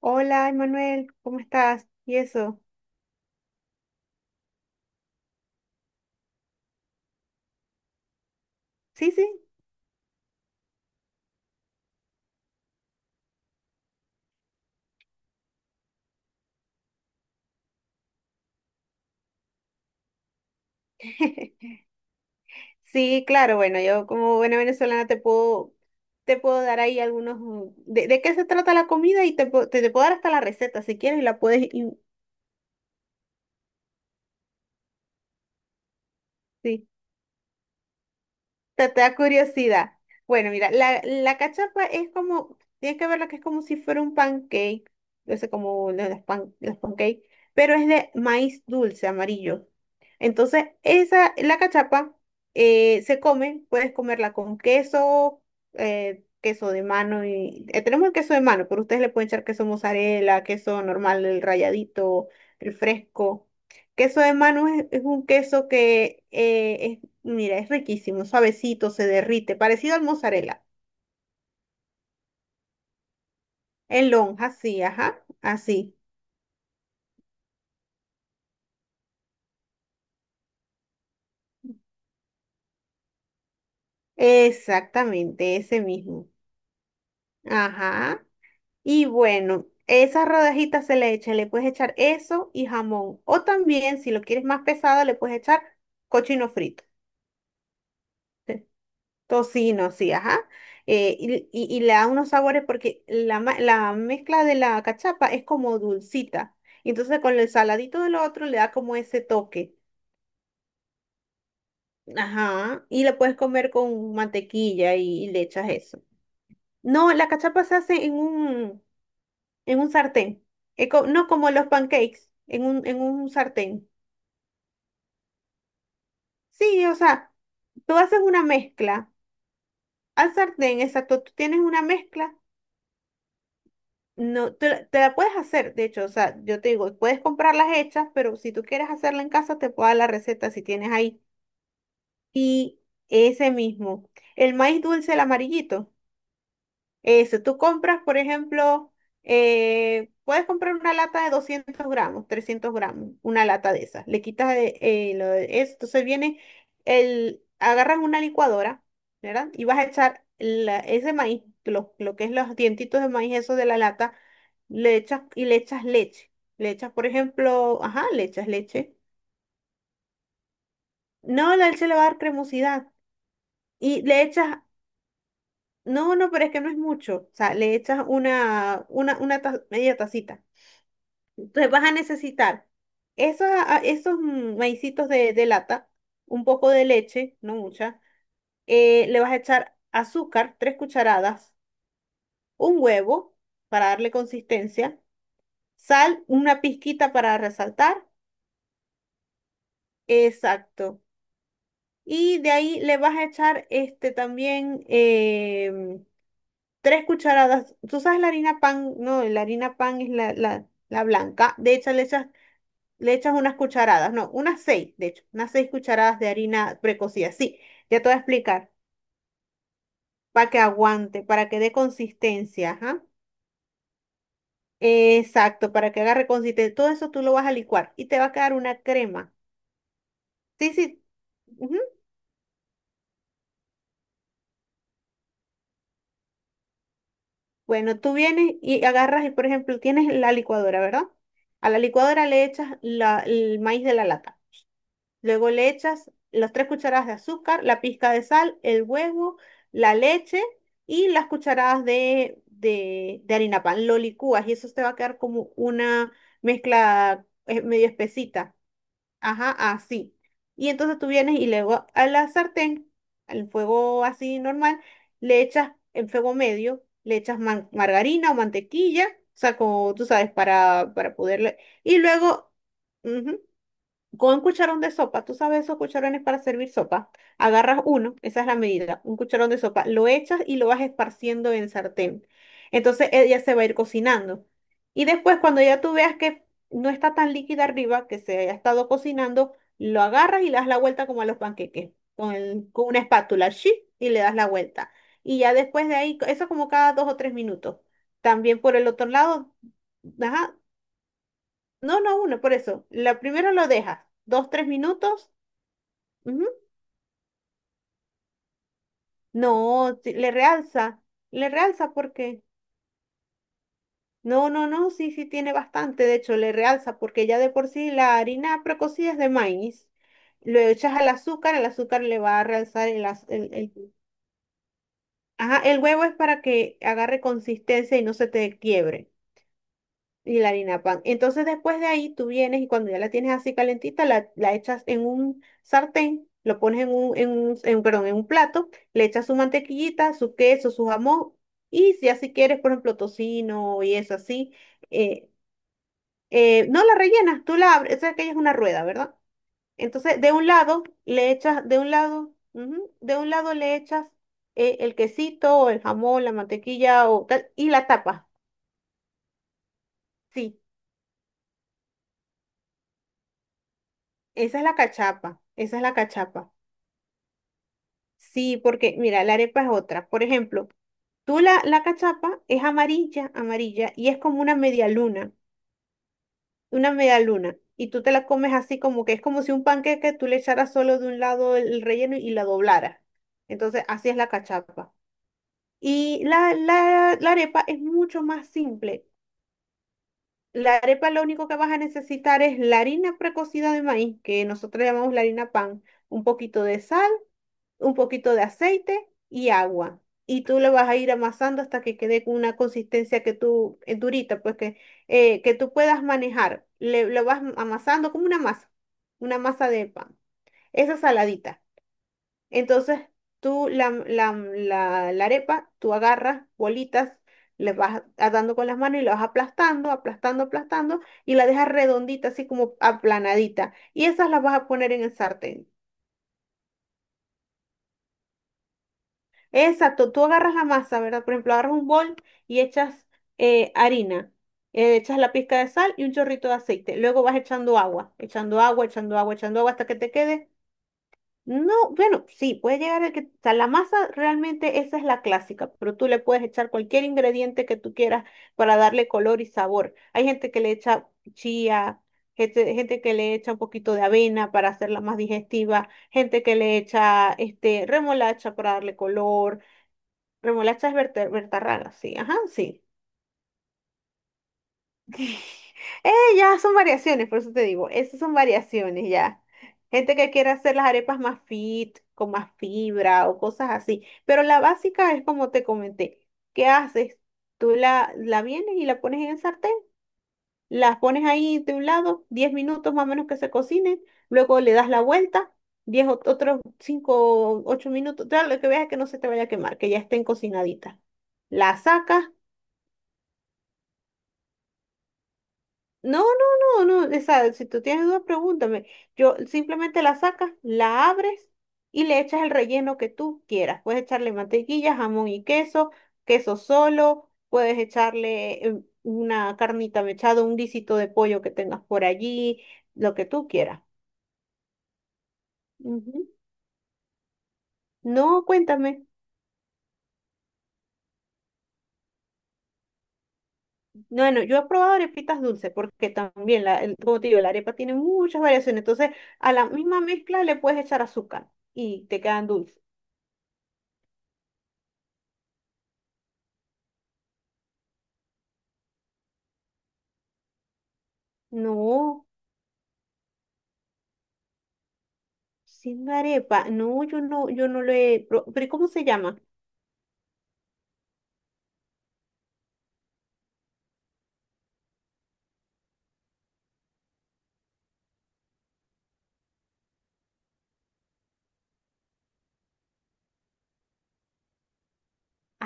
Hola, Emanuel, ¿cómo estás? ¿Y eso? Sí, sí. Sí, claro, bueno, yo como buena venezolana te puedo dar ahí algunos... ¿De qué se trata la comida? Y te puedo dar hasta la receta si quieres y la puedes... sí. Te da curiosidad. Bueno, mira, la cachapa es como, tienes que verla que es como si fuera un pancake, no sé, como lo de los pancakes, pero es de maíz dulce, amarillo. Entonces, la cachapa se come, puedes comerla con queso, queso de mano, y tenemos el queso de mano, pero ustedes le pueden echar queso mozzarella, queso normal, el ralladito, el fresco. Queso de mano es un queso que es mira, es riquísimo, suavecito, se derrite, parecido al mozzarella. En lonja, sí, ajá, así. Exactamente, ese mismo. Ajá. Y bueno, esas rodajitas se le echan, le puedes echar eso y jamón. O también, si lo quieres más pesado, le puedes echar cochino frito, tocino, sí, ajá. Y le da unos sabores porque la mezcla de la cachapa es como dulcita. Y entonces con el saladito del otro le da como ese toque. Ajá, y la puedes comer con mantequilla y le echas eso. No, la cachapa se hace en un, en un, sartén. No como los pancakes, en un sartén. Sí, o sea, tú haces una mezcla al sartén, exacto, tú tienes una mezcla, no, te la puedes hacer, de hecho, o sea, yo te digo, puedes comprarlas hechas, pero si tú quieres hacerla en casa, te puedo dar la receta si tienes ahí. Y ese mismo, el maíz dulce, el amarillito. Eso, tú compras, por ejemplo, puedes comprar una lata de 200 gramos, 300 gramos, una lata de esas. Le quitas lo de eso, entonces viene agarras una licuadora, ¿verdad? Y vas a echar ese maíz, lo que es los dientitos de maíz, esos de la lata, le echas y le echas leche. Le echas, por ejemplo, ajá, le echas leche. No, la leche le va a dar cremosidad. Y le echas, no, no, pero es que no es mucho. O sea, le echas media tacita. Entonces vas a necesitar esos maicitos de lata, un poco de leche, no mucha. Le vas a echar azúcar, 3 cucharadas, un huevo para darle consistencia, sal, una pizquita para resaltar. Exacto. Y de ahí le vas a echar este también tres cucharadas. Tú sabes la harina pan, no, la harina pan es la blanca. De hecho, le echas unas cucharadas, no, unas seis, de hecho, unas 6 cucharadas de harina precocida. Sí, ya te voy a explicar, para que aguante, para que dé consistencia, ajá. Exacto, para que agarre consistencia. Todo eso tú lo vas a licuar y te va a quedar una crema. Sí, sí. Ujú. Bueno, tú vienes y agarras, y por ejemplo, tienes la licuadora, ¿verdad? A la licuadora le echas el maíz de la lata. Luego le echas las 3 cucharadas de azúcar, la pizca de sal, el huevo, la leche y las cucharadas de harina pan. Lo licúas y eso te va a quedar como una mezcla medio espesita. Ajá, así. Y entonces tú vienes y luego a la sartén, al fuego así normal, le echas en fuego medio, le echas margarina o mantequilla, o sea, como tú sabes, para poderle. Y luego. Ujú, con cucharón de sopa, tú sabes esos cucharones para servir sopa. Agarras uno, esa es la medida, un cucharón de sopa, lo echas y lo vas esparciendo en sartén. Entonces ella se va a ir cocinando. Y después, cuando ya tú veas que no está tan líquida arriba, que se haya estado cocinando, lo agarras y le das la vuelta como a los panqueques, con una espátula, ¡shi! Y le das la vuelta. Y ya después de ahí, eso como cada 2 o 3 minutos. También por el otro lado, ajá, no, no, uno, por eso. La primero lo dejas, 2, 3 minutos. Ujú. No, le realza porque. No, no, no, sí, sí tiene bastante, de hecho, le realza porque ya de por sí la harina precocida es de maíz. Lo echas al azúcar, el azúcar le va a realzar el, az- el- Ajá, el huevo es para que agarre consistencia y no se te quiebre. Y la harina pan. Entonces después de ahí tú vienes y cuando ya la tienes así calentita, la echas en un sartén, lo pones en un, perdón, en un plato, le echas su mantequillita, su queso, su jamón y si así quieres, por ejemplo, tocino y eso así, eh, no la rellenas, tú la abres, esa que ella es una rueda, ¿verdad? Entonces de un lado le echas, de un lado, ujú, de un lado le echas el quesito o el jamón, la mantequilla o tal, y la tapas. Sí, esa es la cachapa, esa es la cachapa. Sí, porque mira, la arepa es otra. Por ejemplo, la cachapa es amarilla, amarilla, y es como una media luna, una media luna. Y tú te la comes así como que es como si un panqueque tú le echaras solo de un lado el relleno y la doblaras. Entonces, así es la cachapa. Y la arepa es mucho más simple. La arepa lo único que vas a necesitar es la harina precocida de maíz, que nosotros llamamos la harina pan, un poquito de sal, un poquito de aceite y agua. Y tú lo vas a ir amasando hasta que quede con una consistencia que tú, durita, pues que tú puedas manejar. Lo vas amasando como una masa de pan. Esa saladita. Entonces, tú la arepa, tú agarras bolitas, le vas dando con las manos y la vas aplastando, aplastando, aplastando, y la dejas redondita, así como aplanadita. Y esas las vas a poner en el sartén. Exacto, tú agarras la masa, ¿verdad? Por ejemplo, agarras un bol y echas harina, echas la pizca de sal y un chorrito de aceite. Luego vas echando agua, echando agua, echando agua, echando agua hasta que te quede. No, bueno, sí, puede llegar el que, o sea, la masa realmente esa es la clásica, pero tú le puedes echar cualquier ingrediente que tú quieras para darle color y sabor. Hay gente que le echa chía, gente que le echa un poquito de avena para hacerla más digestiva, gente que le echa este remolacha para darle color. Remolacha es bertarraga, sí, ajá, sí. Eh, ya son variaciones, por eso te digo, esas son variaciones ya. Gente que quiere hacer las arepas más fit, con más fibra o cosas así. Pero la básica es como te comenté. ¿Qué haces? Tú la vienes y la pones en el sartén, las pones ahí de un lado, 10 minutos más o menos que se cocinen, luego le das la vuelta, otros 5 o 8 minutos, ya lo que veas es que no se te vaya a quemar, que ya estén cocinaditas. La sacas. No, no, no, no. O sea, si tú tienes dudas, pregúntame. Yo simplemente la sacas, la abres y le echas el relleno que tú quieras. Puedes echarle mantequilla, jamón y queso, queso solo, puedes echarle una carnita mechada, un guisito de pollo que tengas por allí, lo que tú quieras. Ujú. No, cuéntame. Bueno, yo he probado arepitas dulces porque también, como te digo, la arepa tiene muchas variaciones. Entonces, a la misma mezcla le puedes echar azúcar y te quedan dulces. No. Sin arepa. No, yo no lo he. ¿ Pero cómo se llama?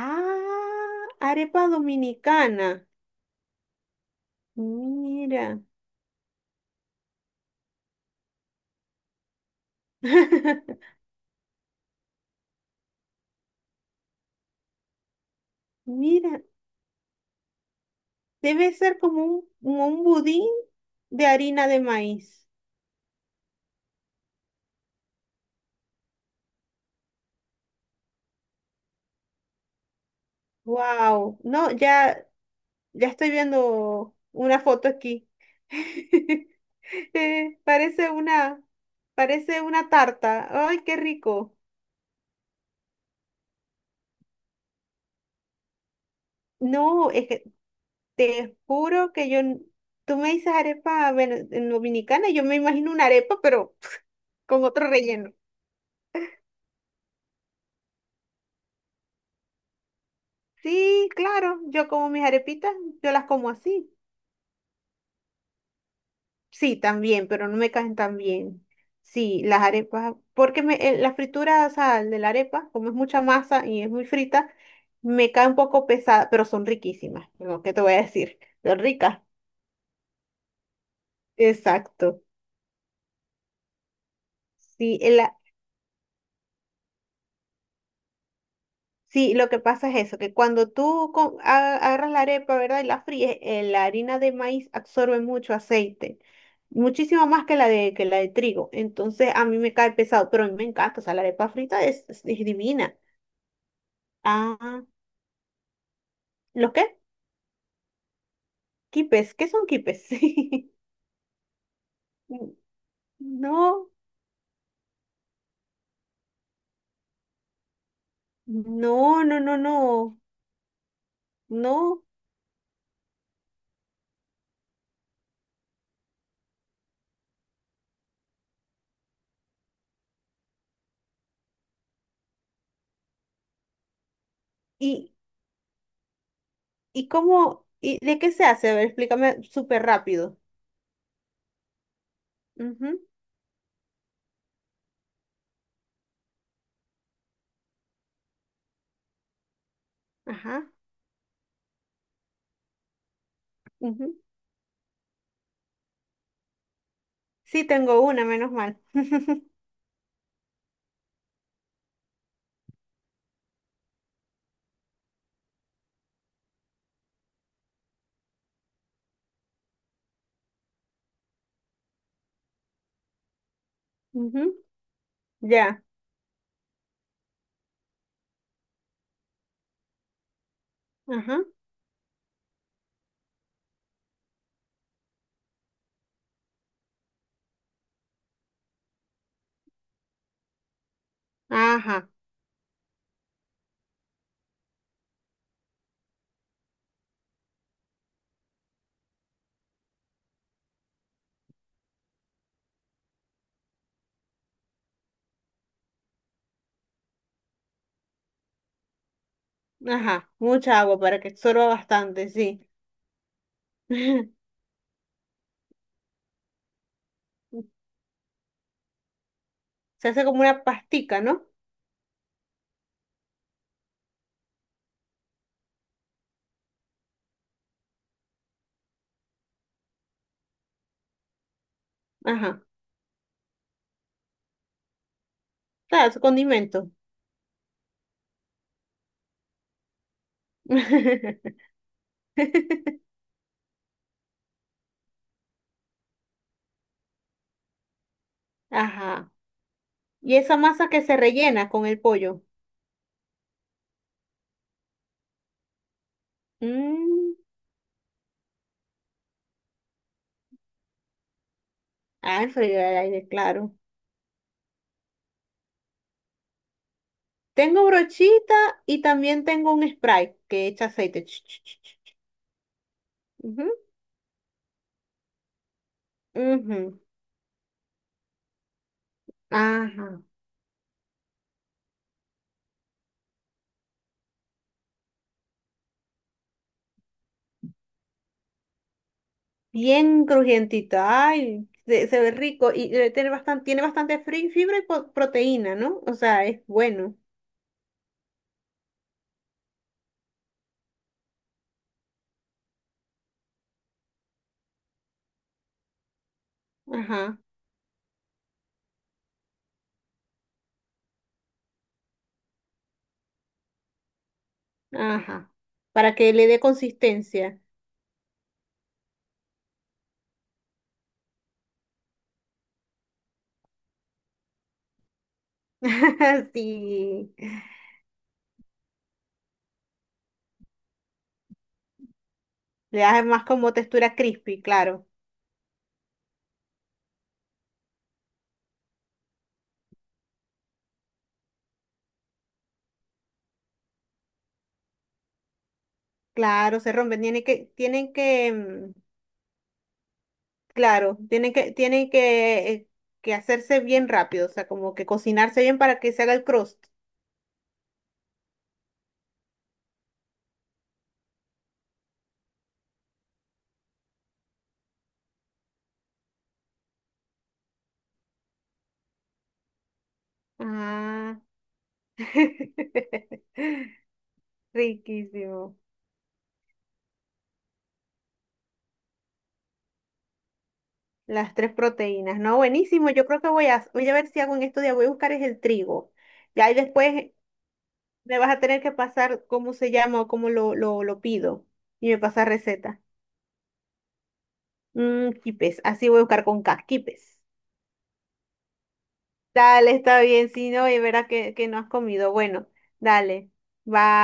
Ah, arepa dominicana. Mira. Mira. Debe ser como un budín de harina de maíz. Wow. No, ya estoy viendo una foto aquí. Eh, parece una, parece una tarta. Ay, qué rico. No, es que te juro que tú me dices arepa en dominicana, y yo me imagino una arepa, pero con otro relleno. Sí, claro, yo como mis arepitas, yo las como así. Sí, también, pero no me caen tan bien. Sí, las arepas, porque la fritura, o sea, de la arepa, como es mucha masa y es muy frita, me cae un poco pesada, pero son riquísimas, ¿no? ¿Qué te voy a decir? Son ricas. Exacto. Sí, el sí, lo que pasa es eso, que cuando tú agarras la arepa, ¿verdad? Y la fríes, la harina de maíz absorbe mucho aceite, muchísimo más que que la de trigo. Entonces a mí me cae pesado, pero a mí me encanta, o sea, la arepa frita es divina. Ah, ¿los qué? Quipes, ¿qué son quipes? No, no, no, no, no, no. ¿Y, y cómo, y de qué se hace? A ver, explícame súper rápido. Ujú, ajá, ujú. Sí, tengo una, menos mal. Ujú, ya, ajá, ajá, ajá, mucha agua para que absorba bastante, sí. Se hace como una pastica, ¿no? Ajá, claro, es un condimento. Ajá, y esa masa que se rellena con el pollo. Mm, ah, el freír al aire, claro. Tengo brochita y también tengo un spray que echa aceite. Ch, ch, ch, ch, ch. Ujú, ujú, ajá. Bien crujientita, ay, se ve rico y debe tener bastante, tiene bastante fibra y proteína, ¿no? O sea, es bueno. Ajá, ajá. Para que le dé consistencia. Sí. Le da más como textura crispy, claro. Claro, se rompen. Tienen que, claro, tienen que, que hacerse bien rápido, o sea, como que cocinarse bien para que se haga el crust. Ah. Riquísimo. Las tres proteínas, ¿no? Buenísimo, yo creo que voy a ver si hago un estudio, voy a buscar es el trigo. Y ahí después me vas a tener que pasar cómo se llama o cómo lo pido. Y me pasa receta. Mm, quipes, así voy a buscar con K, quipes. Dale, está bien, si no, y verás que no has comido. Bueno, dale, bye.